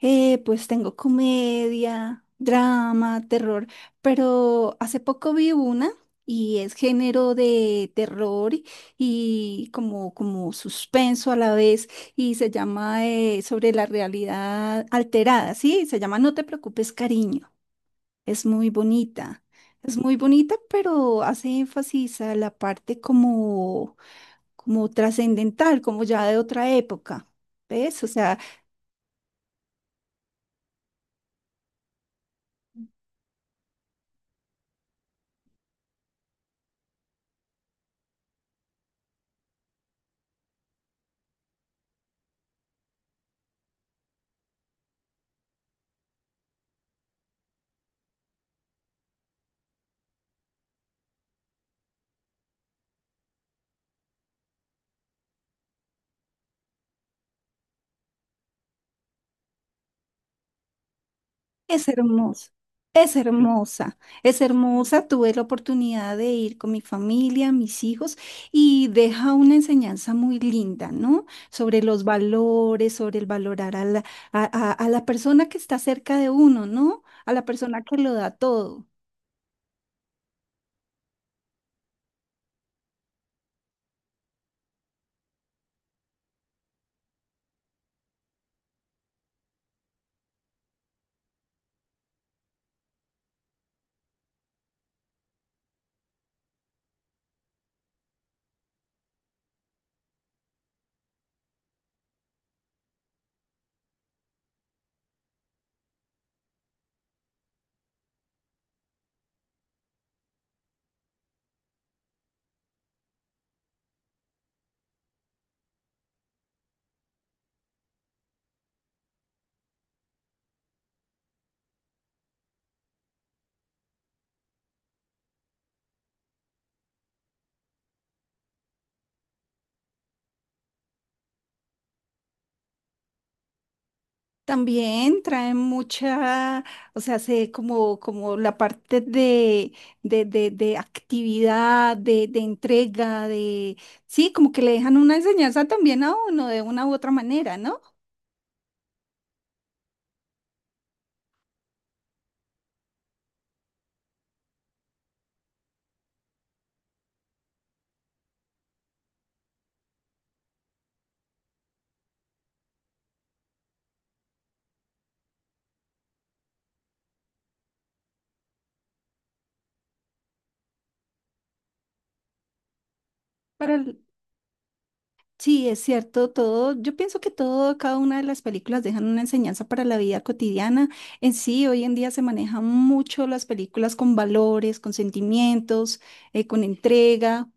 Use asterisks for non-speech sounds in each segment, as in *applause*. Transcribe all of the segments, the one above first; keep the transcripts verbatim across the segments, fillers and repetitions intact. Eh, pues tengo comedia, drama, terror, pero hace poco vi una y es género de terror y como, como suspenso a la vez y se llama eh, sobre la realidad alterada, ¿sí? Se llama No te preocupes, cariño. Es muy bonita, es muy bonita, pero hace énfasis a la parte como, como trascendental, como ya de otra época. ¿Ves? O sea, es hermosa, es hermosa, es hermosa. Tuve la oportunidad de ir con mi familia, mis hijos, y deja una enseñanza muy linda, ¿no? Sobre los valores, sobre el valorar a la, a, a- a la persona que está cerca de uno, ¿no? A la persona que lo da todo. También traen mucha, o sea, se como, como la parte de, de, de, de actividad, de, de entrega, de, sí, como que le dejan una enseñanza también a uno de una u otra manera, ¿no? Para el- sí, es cierto, todo, yo pienso que todo, cada una de las películas dejan una enseñanza para la vida cotidiana. En sí, hoy en día se manejan mucho las películas con valores, con sentimientos, eh, con entrega.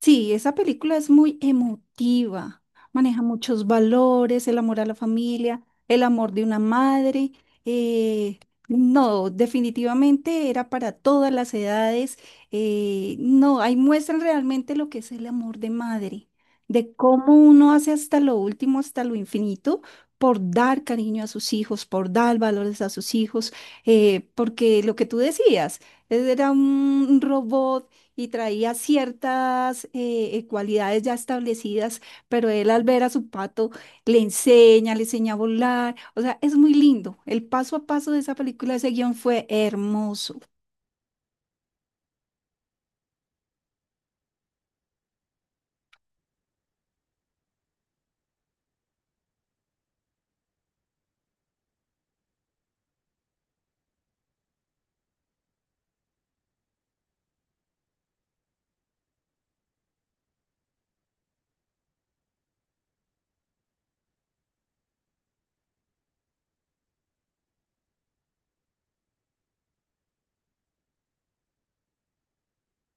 Sí, esa película es muy emotiva, maneja muchos valores, el amor a la familia, el amor de una madre. eh, no, definitivamente era para todas las edades. Eh, no, ahí muestran realmente lo que es el amor de madre, de cómo uno hace hasta lo último, hasta lo infinito, por dar cariño a sus hijos, por dar valores a sus hijos, eh, porque lo que tú decías, él era un robot y traía ciertas eh, eh, cualidades ya establecidas, pero él al ver a su pato le enseña, le enseña a volar, o sea, es muy lindo. El paso a paso de esa película, ese guión fue hermoso.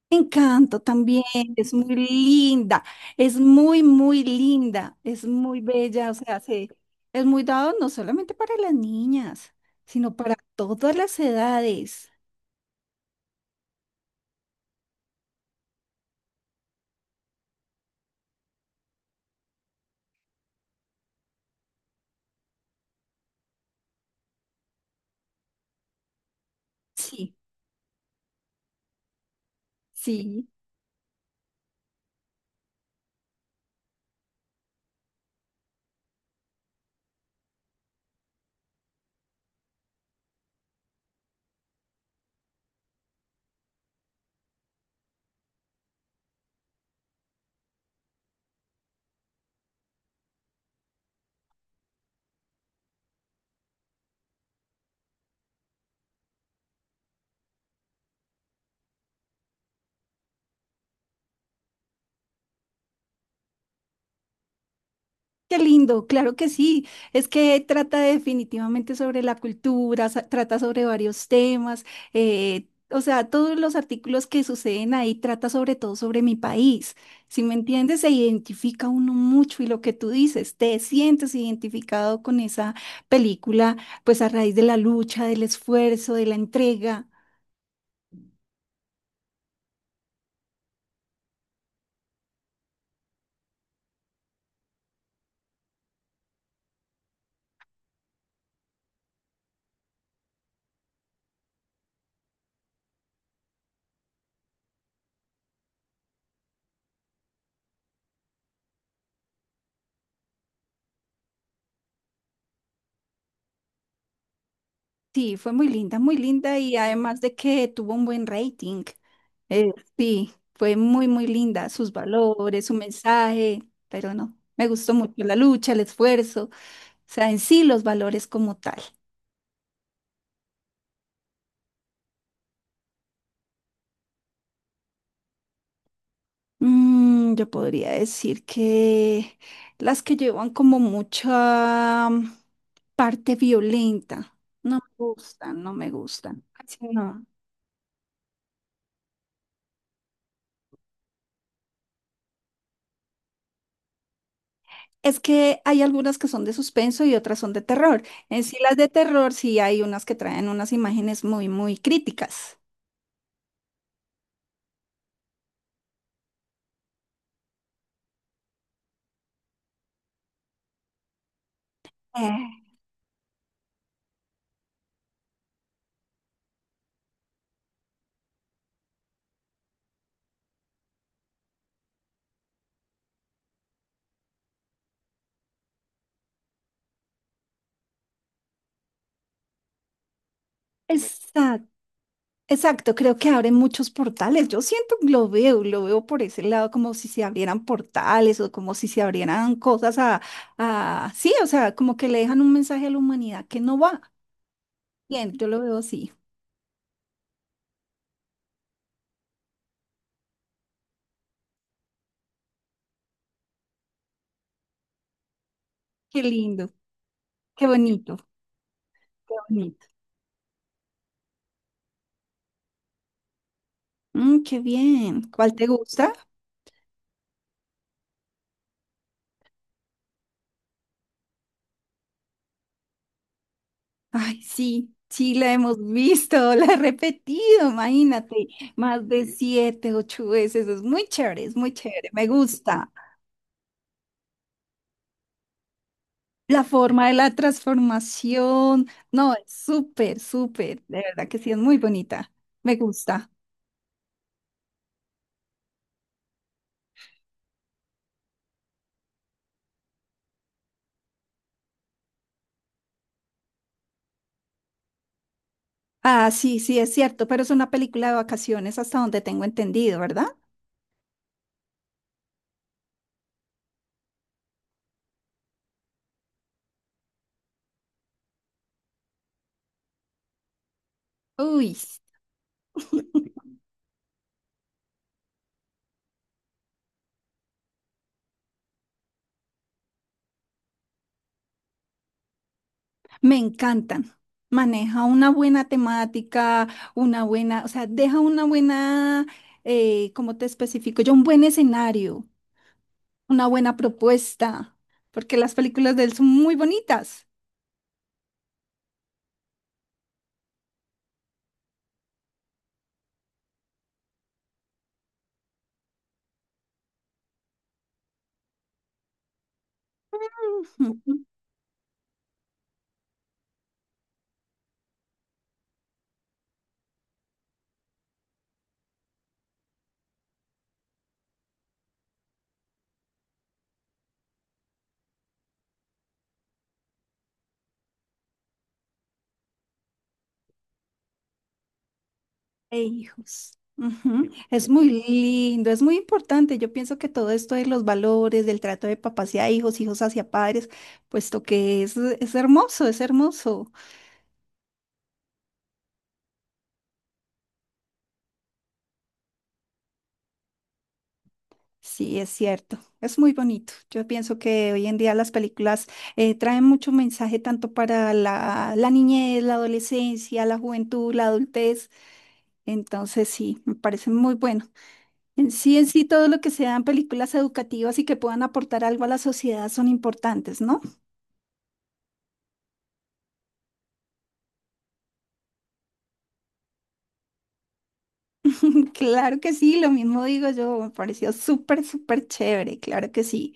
Encanto también, es muy linda, es muy, muy linda, es muy bella, o sea, se- es muy dado no solamente para las niñas, sino para todas las edades. Sí, sí, qué lindo, claro que sí. Es que trata definitivamente sobre la cultura, sa- trata sobre varios temas. Eh, o sea, todos los artículos que suceden ahí trata sobre todo sobre mi país. Si me entiendes, se identifica uno mucho y lo que tú dices, te sientes identificado con esa película, pues a raíz de la lucha, del esfuerzo, de la entrega. Sí, fue muy linda, muy linda y además de que tuvo un buen rating. Eh, sí, fue muy, muy linda, sus valores, su mensaje, pero no, me gustó mucho la lucha, el esfuerzo, o sea, en sí los valores como tal. Mm, yo podría decir que las que llevan como mucha mm, parte violenta, no me gustan, no me gustan. Así no. Es que hay algunas que son de suspenso y otras son de terror. En sí las de terror sí hay unas que traen unas imágenes muy, muy críticas. Eh, Exacto, exacto, creo que abren muchos portales. Yo siento, lo veo, lo veo por ese lado, como si se abrieran portales o como si se abrieran cosas a, a, sí, o sea, como que le dejan un mensaje a la humanidad que no va. Bien, yo lo veo así. Qué lindo, qué bonito, qué bonito. Mm, qué bien. ¿Cuál te gusta? Ay, sí, sí, la hemos visto, *laughs* la he repetido, imagínate, más de siete, ocho veces. Es muy chévere, es muy chévere, me gusta. La forma de la transformación. No, es súper, súper. De verdad que sí, es muy bonita. Me gusta. Ah, sí, sí, es cierto, pero es una película de vacaciones hasta donde tengo entendido, ¿verdad? Uy, me encantan. Maneja una buena temática, una buena, o sea, deja una buena, eh, ¿cómo te especifico? Yo un buen escenario, una buena propuesta, porque las películas de él son muy bonitas. Ujú. E hijos. Ujú. Es muy lindo, es muy importante. Yo pienso que todo esto de los valores, del trato de papá hacia hijos, hijos hacia padres, puesto que es, es hermoso, es hermoso. Sí, es cierto, es muy bonito. Yo pienso que hoy en día las películas eh, traen mucho mensaje tanto para la, la niñez, la adolescencia, la juventud, la adultez. Entonces, sí, me parece muy bueno. En sí, en sí, todo lo que sean películas educativas y que puedan aportar algo a la sociedad son importantes, ¿no? *laughs* Claro que sí, lo mismo digo yo, me pareció súper, súper chévere, claro que sí.